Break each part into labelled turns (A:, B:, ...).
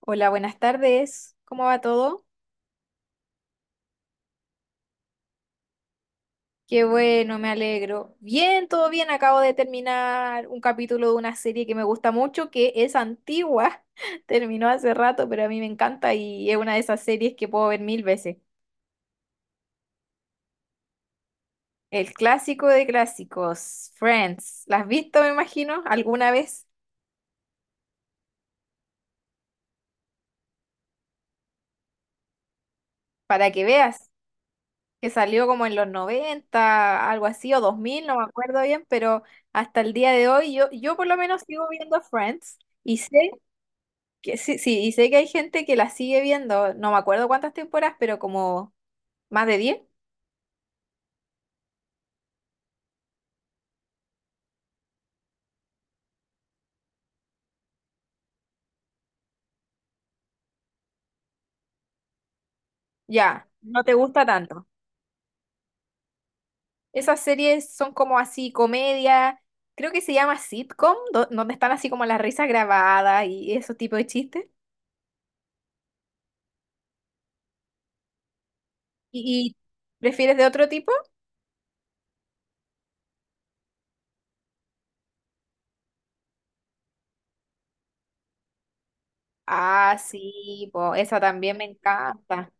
A: Hola, buenas tardes. ¿Cómo va todo? Qué bueno, me alegro. Bien, todo bien. Acabo de terminar un capítulo de una serie que me gusta mucho, que es antigua. Terminó hace rato, pero a mí me encanta y es una de esas series que puedo ver mil veces. El clásico de clásicos, Friends. ¿La has visto, me imagino, alguna vez? Para que veas, que salió como en los 90, algo así, o 2000, no me acuerdo bien, pero hasta el día de hoy yo por lo menos sigo viendo Friends. Y sé que sí, sí, y sé que hay gente que la sigue viendo, no me acuerdo cuántas temporadas, pero como más de 10 ya, no te gusta tanto. Esas series son como así, comedia, creo que se llama sitcom, donde están así como las risas grabadas y esos tipos de chistes. ¿Y prefieres de otro tipo? Ah, sí, po, esa también me encanta.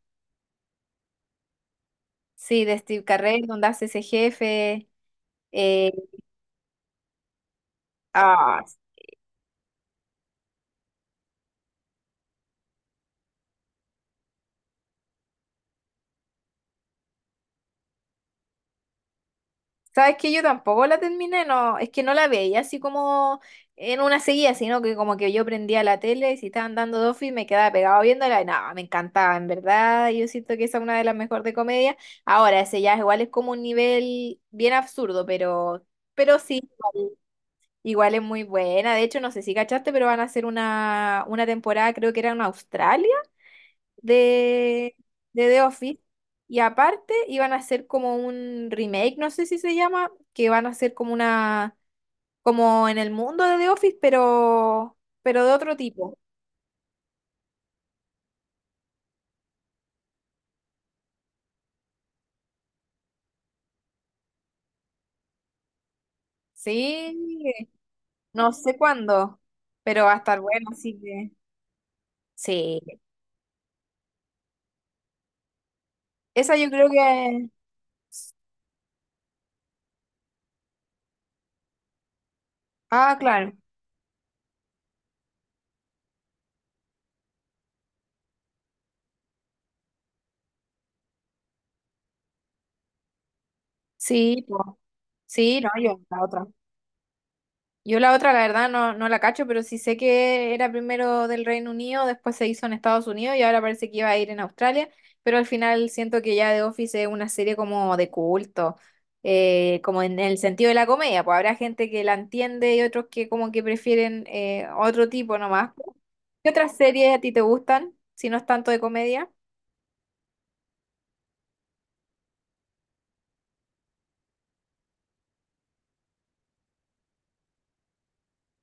A: Sí, de Steve Carell, donde hace ese jefe. eh, ah, Sabes que yo tampoco la terminé, no, es que no la veía así como en una seguida, sino que como que yo prendía la tele y si estaban dando Dofi me quedaba pegado viéndola y nada, me encantaba, en verdad, yo siento que esa es una de las mejores de comedia. Ahora, ese ya es igual es como un nivel bien absurdo, pero sí, igual, igual es muy buena. De hecho, no sé si cachaste, pero van a hacer una temporada, creo que era en Australia de, de The Office. Y aparte iban a hacer como un remake, no sé si se llama, que van a hacer como una, como en el mundo de The Office, pero de otro tipo. Sí, no sé cuándo, pero va a estar bueno, así que sí. Esa yo creo que... Ah, claro. Sí, po. Sí, no, yo la otra. Yo la otra, la verdad, no, no la cacho, pero sí sé que era primero del Reino Unido, después se hizo en Estados Unidos y ahora parece que iba a ir en Australia, pero al final siento que ya The Office es una serie como de culto, como en el sentido de la comedia, pues habrá gente que la entiende y otros que como que prefieren otro tipo nomás. ¿Qué otras series a ti te gustan, si no es tanto de comedia?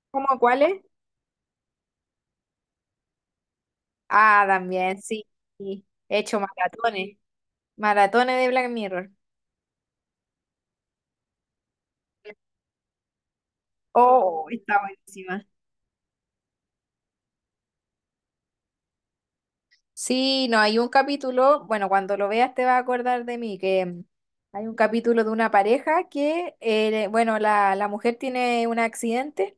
A: ¿Cómo cuáles? Ah, también, sí. Sí. He hecho maratones, maratones de Black Mirror. Oh, está buenísima. Sí, no, hay un capítulo, bueno, cuando lo veas te vas a acordar de mí, hay un capítulo de una pareja que, bueno, la mujer tiene un accidente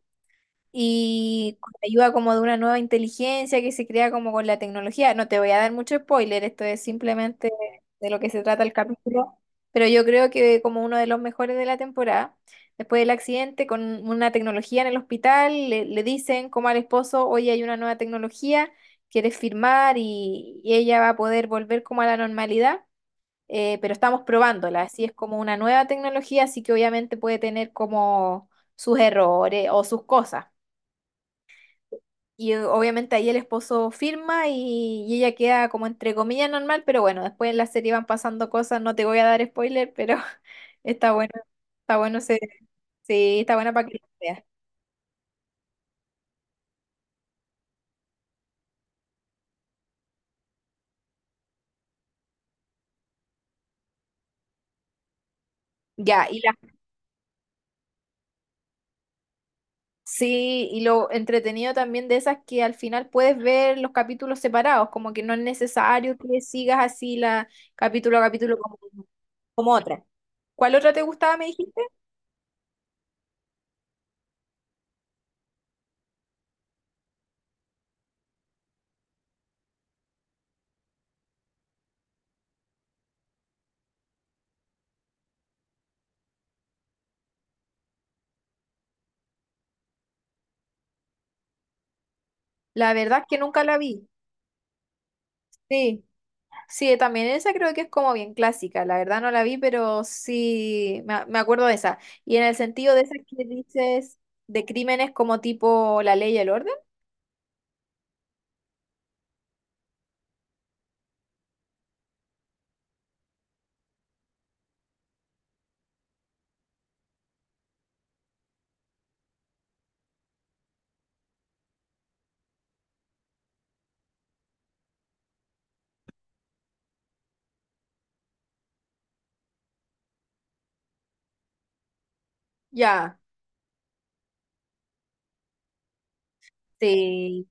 A: y con la ayuda como de una nueva inteligencia que se crea como con la tecnología. No te voy a dar mucho spoiler, esto es simplemente de lo que se trata el capítulo, pero yo creo que como uno de los mejores de la temporada, después del accidente, con una tecnología en el hospital, le dicen como al esposo, oye, hay una nueva tecnología, quieres firmar y ella va a poder volver como a la normalidad. Pero estamos probándola, así es como una nueva tecnología, así que obviamente puede tener como sus errores o sus cosas. Y obviamente ahí el esposo firma y ella queda como entre comillas normal, pero bueno, después en la serie van pasando cosas, no te voy a dar spoiler, pero está bueno, está bueno, se, sí, está buena para que lo veas. Ya, y la, sí, y lo entretenido también de esas que al final puedes ver los capítulos separados, como que no es necesario que sigas así la capítulo a capítulo como, como otra. ¿Cuál otra te gustaba, me dijiste? La verdad es que nunca la vi. Sí. Sí, también esa creo que es como bien clásica, la verdad no la vi, pero sí me, me acuerdo de esa. Y en el sentido de esas que dices de crímenes como tipo La Ley y el Orden, ya, sí.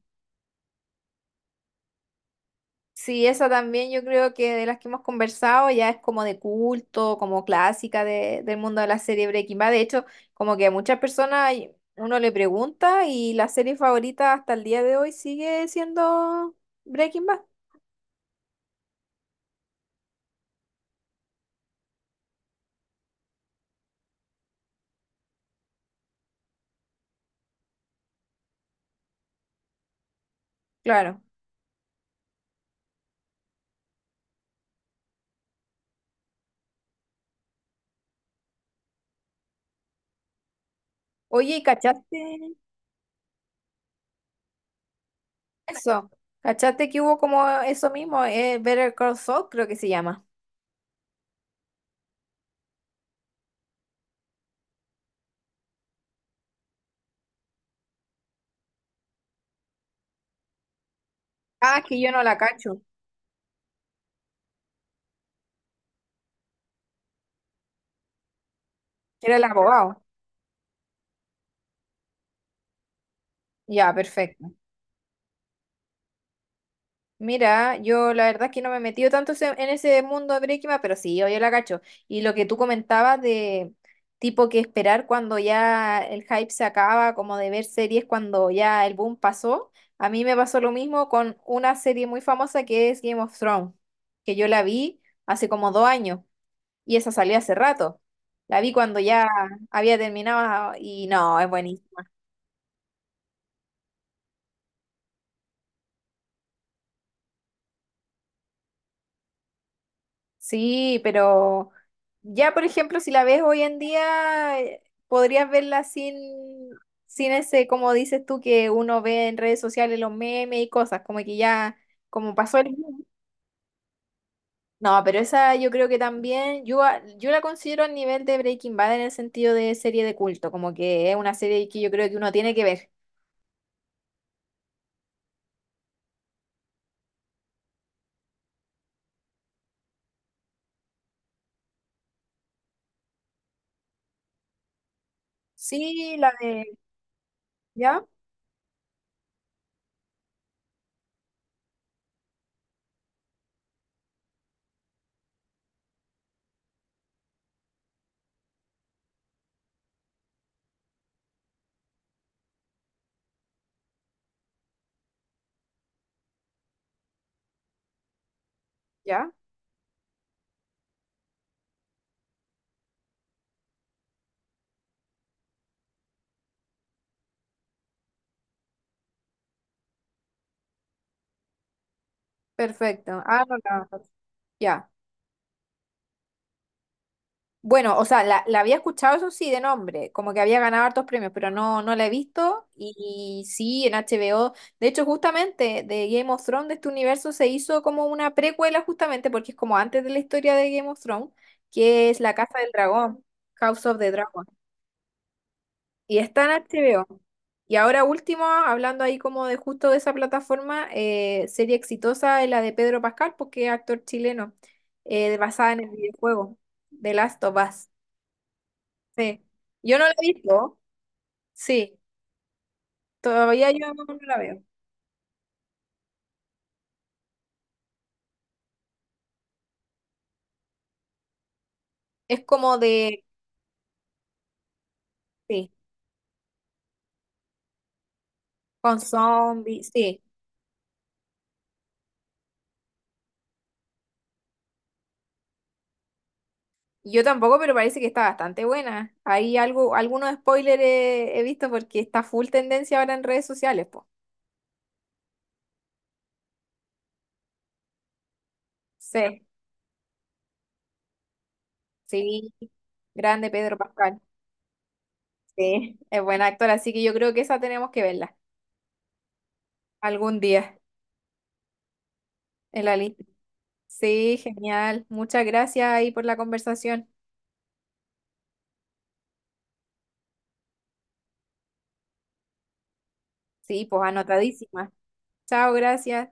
A: Sí, esa también yo creo que de las que hemos conversado ya es como de culto, como clásica del mundo de la serie Breaking Bad. De hecho, como que a muchas personas uno le pregunta y la serie favorita hasta el día de hoy sigue siendo Breaking Bad. Claro. Oye, ¿y cachaste? Eso. ¿Cachaste que hubo como eso mismo? Better Call Saul, creo que se llama. Ah, es que yo no la cacho. Era el abogado. Ya, perfecto. Mira, yo la verdad es que no me he metido tanto en ese mundo de Breaking Bad, pero sí, yo la cacho. Y lo que tú comentabas de tipo que esperar cuando ya el hype se acaba, como de ver series cuando ya el boom pasó, a mí me pasó lo mismo con una serie muy famosa que es Game of Thrones, que yo la vi hace como 2 años. Y esa salió hace rato. La vi cuando ya había terminado y no, es buenísimo. Sí, pero ya, por ejemplo, si la ves hoy en día, podrías verla sin, sin ese, como dices tú, que uno ve en redes sociales los memes y cosas, como que ya, como pasó el... boom. No, pero esa yo creo que también, yo, yo la considero al nivel de Breaking Bad en el sentido de serie de culto, como que es una serie que yo creo que uno tiene que ver. Sí, la de... ¿Ya? ¿Ya? Perfecto. Ah, no, no, no. Ya. Bueno, o sea, la había escuchado, eso sí, de nombre, como que había ganado hartos premios, pero no, no la he visto. Y, sí, en HBO. De hecho, justamente de Game of Thrones, de este universo, se hizo como una precuela, justamente, porque es como antes de la historia de Game of Thrones, que es La Casa del Dragón, House of the Dragon. Y está en HBO. Y ahora último, hablando ahí como de justo de esa plataforma, serie exitosa es la de Pedro Pascal, porque es actor chileno, basada en el videojuego The Last of Us. Sí. Yo no la he visto, sí, todavía yo no la veo. Es como de, sí, con zombies, sí. Yo tampoco, pero parece que está bastante buena. Hay algo, algunos spoilers he, he visto porque está full tendencia ahora en redes sociales, pues. Sí, sí, grande Pedro Pascal. Sí, es buen actor, así que yo creo que esa tenemos que verla algún día en la lista. Sí, genial. Muchas gracias ahí por la conversación. Sí, pues anotadísima. Chao, gracias.